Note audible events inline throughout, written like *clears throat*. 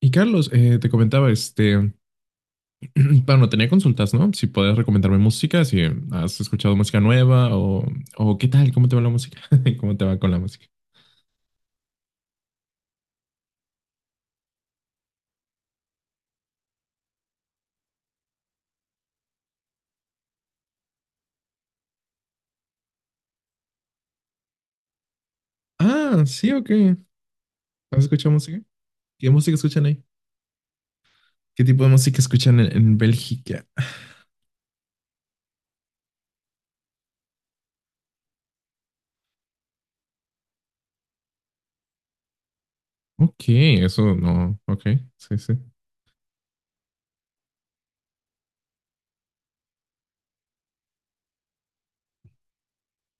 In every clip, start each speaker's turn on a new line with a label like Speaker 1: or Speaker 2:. Speaker 1: Y Carlos, te comentaba, *clears throat* bueno, tenía consultas, ¿no? Si puedes recomendarme música, si has escuchado música nueva o qué tal, cómo te va la música, *laughs* cómo te va con la música. Ah, sí, ok. ¿Has escuchado música? ¿Qué música escuchan ahí? ¿Qué tipo de música escuchan en Bélgica? Ok, eso no. Ok, sí, sí.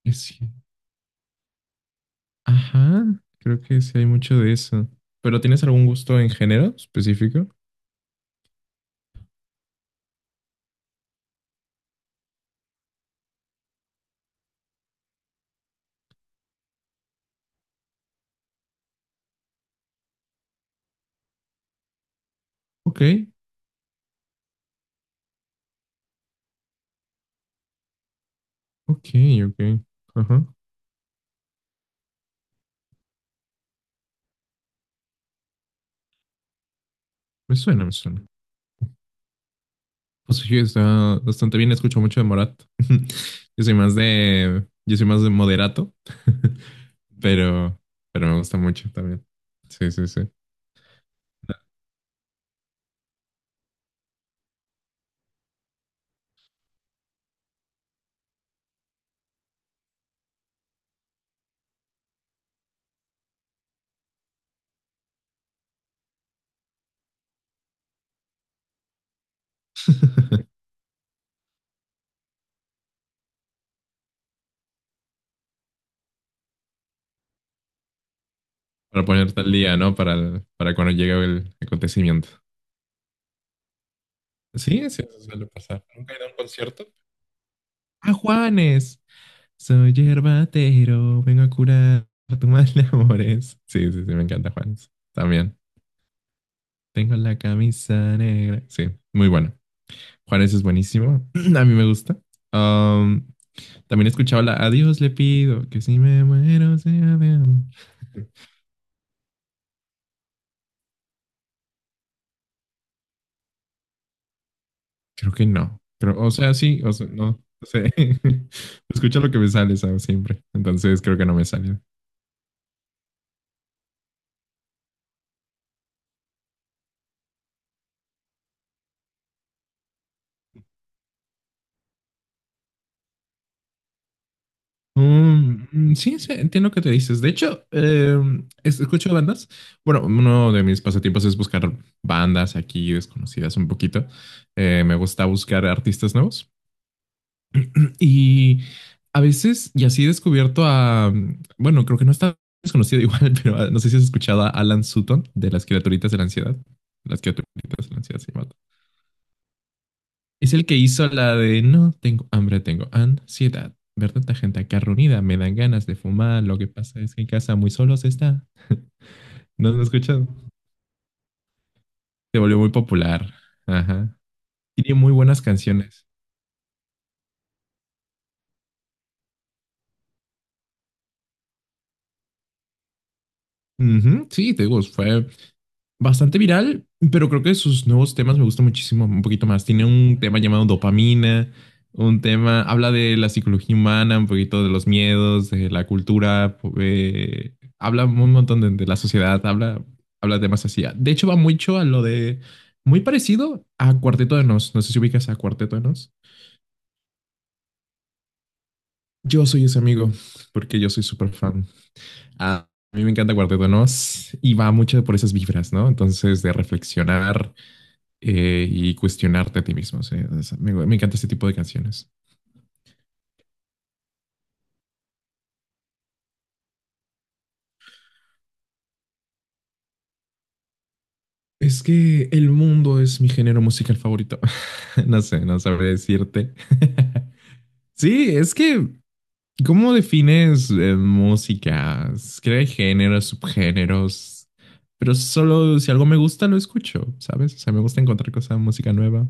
Speaker 1: Es que- Ajá, creo que sí hay mucho de eso. ¿Pero tienes algún gusto en género específico? Ok, ok, ok. Ajá, me suena, me suena. Pues sí, está bastante bien. Escucho mucho de Morat. *laughs* Yo soy más de moderato. *laughs* Pero, pero me gusta mucho también. Sí, sí, sí. *laughs* Para ponerte al día, ¿no? Para cuando llegue el acontecimiento. Sí, sí, eso suele pasar. ¿Nunca he ido a un concierto? ¡Ah, Juanes! Soy yerbatero, vengo a curar tu mal de amores. Sí, sí, sí, me encanta Juanes. También. Tengo la camisa negra. Sí, muy bueno. Juanes es buenísimo. *clears throat* A mí me gusta. Um, también he escuchado la Adiós le pido, que si me muero sea de amor. Creo que no. Pero, o sea, sí, o sea, no. No sé. *laughs* Escucho lo que me sale, ¿sabes? Siempre. Entonces creo que no me sale. Mm, mm, sí, sí, entiendo que te dices. De hecho, escucho bandas. Bueno, uno de mis pasatiempos es buscar bandas aquí desconocidas un poquito. Me gusta buscar artistas nuevos. Y así he descubierto bueno, creo que no está desconocido igual, *laughs* pero ah, no sé si has escuchado a Alan Sutton de Las Criaturitas de la Ansiedad. Las Criaturitas de la Ansiedad se llama. Es el que hizo la de no tengo hambre, tengo ansiedad. Ver tanta gente acá reunida, me dan ganas de fumar. Lo que pasa es que en casa muy solos está. ¿No lo has escuchado? Se volvió muy popular. Ajá. Tiene muy buenas canciones. Ujú, sí, te digo, fue bastante viral, pero creo que sus nuevos temas me gustan muchísimo, un poquito más. Tiene un tema llamado dopamina, un tema, habla de la psicología humana, un poquito de los miedos, de la cultura, habla un montón de la sociedad, habla, habla de temas así. De hecho, va mucho a lo de, muy parecido a Cuarteto de Nos. No sé si ubicas a Cuarteto de Nos. Yo soy ese amigo, porque yo soy súper fan. Ah, a mí me encanta Cuarteto de Nos y va mucho por esas vibras, ¿no? Entonces, de reflexionar y cuestionarte a ti mismo. O sea, me encanta este tipo de canciones. Es que el mundo es mi género musical favorito. *laughs* No sé, no sabré decirte. *laughs* Sí, es que, ¿cómo defines música? Creo que hay géneros, subgéneros, pero solo si algo me gusta lo escucho, ¿sabes? O sea, me gusta encontrar cosas, música nueva.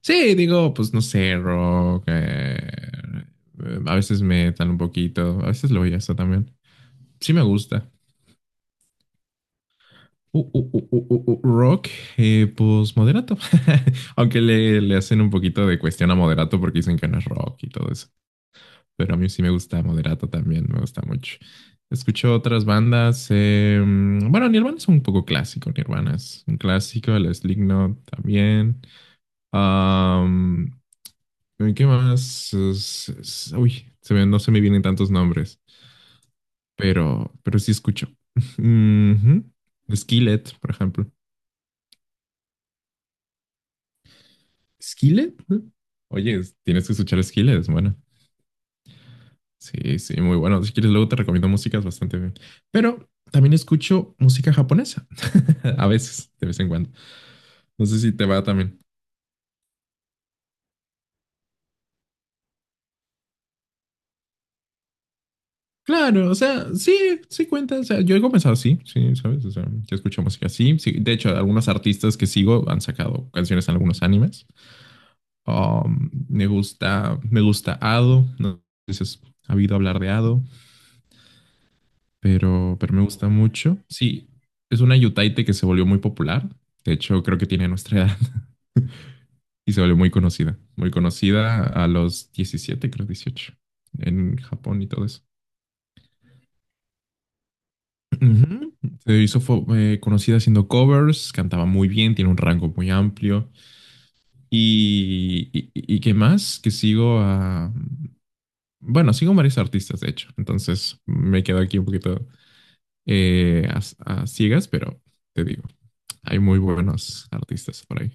Speaker 1: Sí, digo, pues no sé, rock. A veces metal un poquito, a veces lo oigo eso también. Sí me gusta. Rock, pues moderato. *laughs* Aunque le hacen un poquito de cuestión a moderato porque dicen que no es rock y todo eso. Pero a mí sí me gusta moderato también, me gusta mucho. Escucho otras bandas. Bueno, Nirvana es un poco clásico, Nirvana es un clásico, el Slipknot también. Am, ¿Qué más? Uy, no se me vienen tantos nombres, pero sí escucho. *laughs* Ujú. Skillet, por ejemplo. Skillet, ¿no? Oye, tienes que escuchar Skillet, es bueno. Sí, sí, muy bueno. Si quieres, luego te recomiendo músicas bastante bien. Pero también escucho música japonesa. *laughs* A veces, de vez en cuando. No sé si te va también. Claro, o sea, sí, sí cuenta. O sea, yo he comenzado así, sí, ¿sabes? O sea, yo escucho música así. Sí, de hecho, algunos artistas que sigo han sacado canciones en algunos animes. Me gusta Ado. No sé si has habido hablar de Ado. Pero me gusta mucho. Sí, es una yutaite que se volvió muy popular. De hecho, creo que tiene nuestra edad *laughs* y se volvió muy conocida. Muy conocida a los 17 creo 18 en Japón y todo eso. Ujú. Se hizo conocida haciendo covers, cantaba muy bien, tiene un rango muy amplio. Y qué más, que sigo a... Bueno, sigo a varios artistas, de hecho. Entonces me quedo aquí un poquito a ciegas, pero te digo. Hay muy buenos artistas por ahí.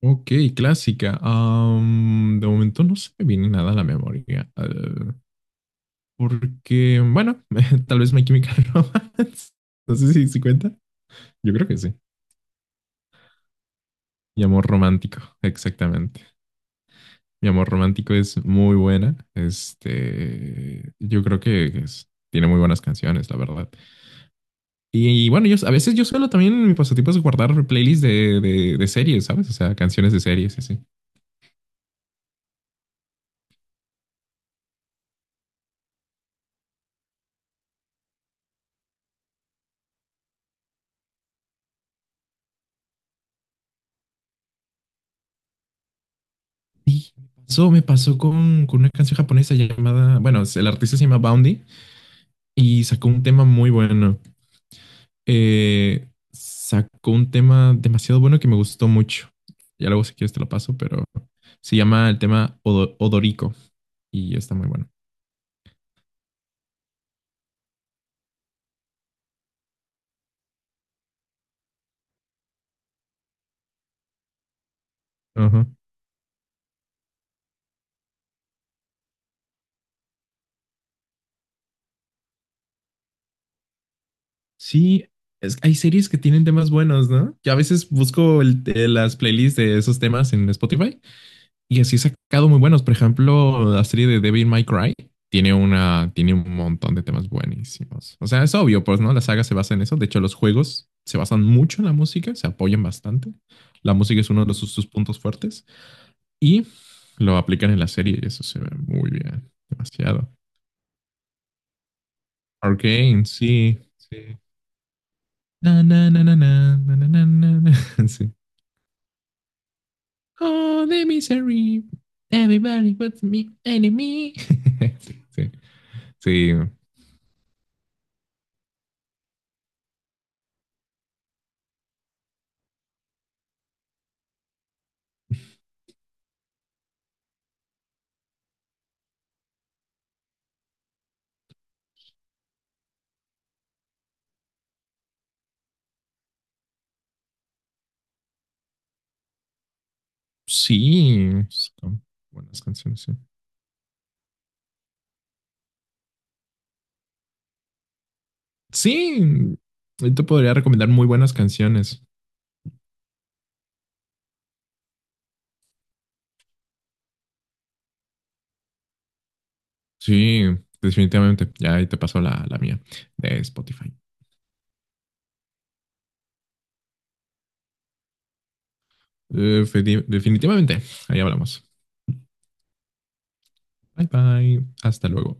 Speaker 1: Ok, clásica. De momento no se me viene nada a la memoria. eh, porque, bueno, *laughs* tal vez My Chemical Romance. *laughs* No sé si se cuenta. Yo creo que sí. Mi amor romántico, exactamente. Mi amor romántico es muy buena. Este, yo creo que tiene muy buenas canciones, la verdad. Y, bueno, yo a veces yo suelo también en mi pasatiempo es guardar playlists de series, ¿sabes? O sea, canciones de series y así. Sí, me pasó con una canción japonesa llamada, bueno, el artista se llama Boundy y sacó un tema muy bueno. Sacó un tema demasiado bueno que me gustó mucho. Ya luego si quieres te lo paso, pero se llama el tema Odorico y está muy bueno. Ajá. Sí, hay series que tienen temas buenos, ¿no? Yo a veces busco las playlists de esos temas en Spotify. Y así he sacado muy buenos. Por ejemplo, la serie de Devil May Cry tiene un montón de temas buenísimos. O sea, es obvio, pues, ¿no? La saga se basa en eso. De hecho, los juegos se basan mucho en la música, se apoyan bastante. La música es uno de sus puntos fuertes y lo aplican en la serie y eso se ve muy bien, demasiado. Arcane, sí, sí. Na, na, na, na, na, na, na, na, na. *laughs* Sí. Oh, the misery. Everybody was me enemy. *laughs* Sí, sí, sí. Sí, son buenas canciones, sí. Sí, yo te podría recomendar muy buenas canciones. Sí, definitivamente. Ya ahí te paso la mía de Spotify. Eh, fe- definitivamente. Ahí hablamos. Bye bye. Hasta luego.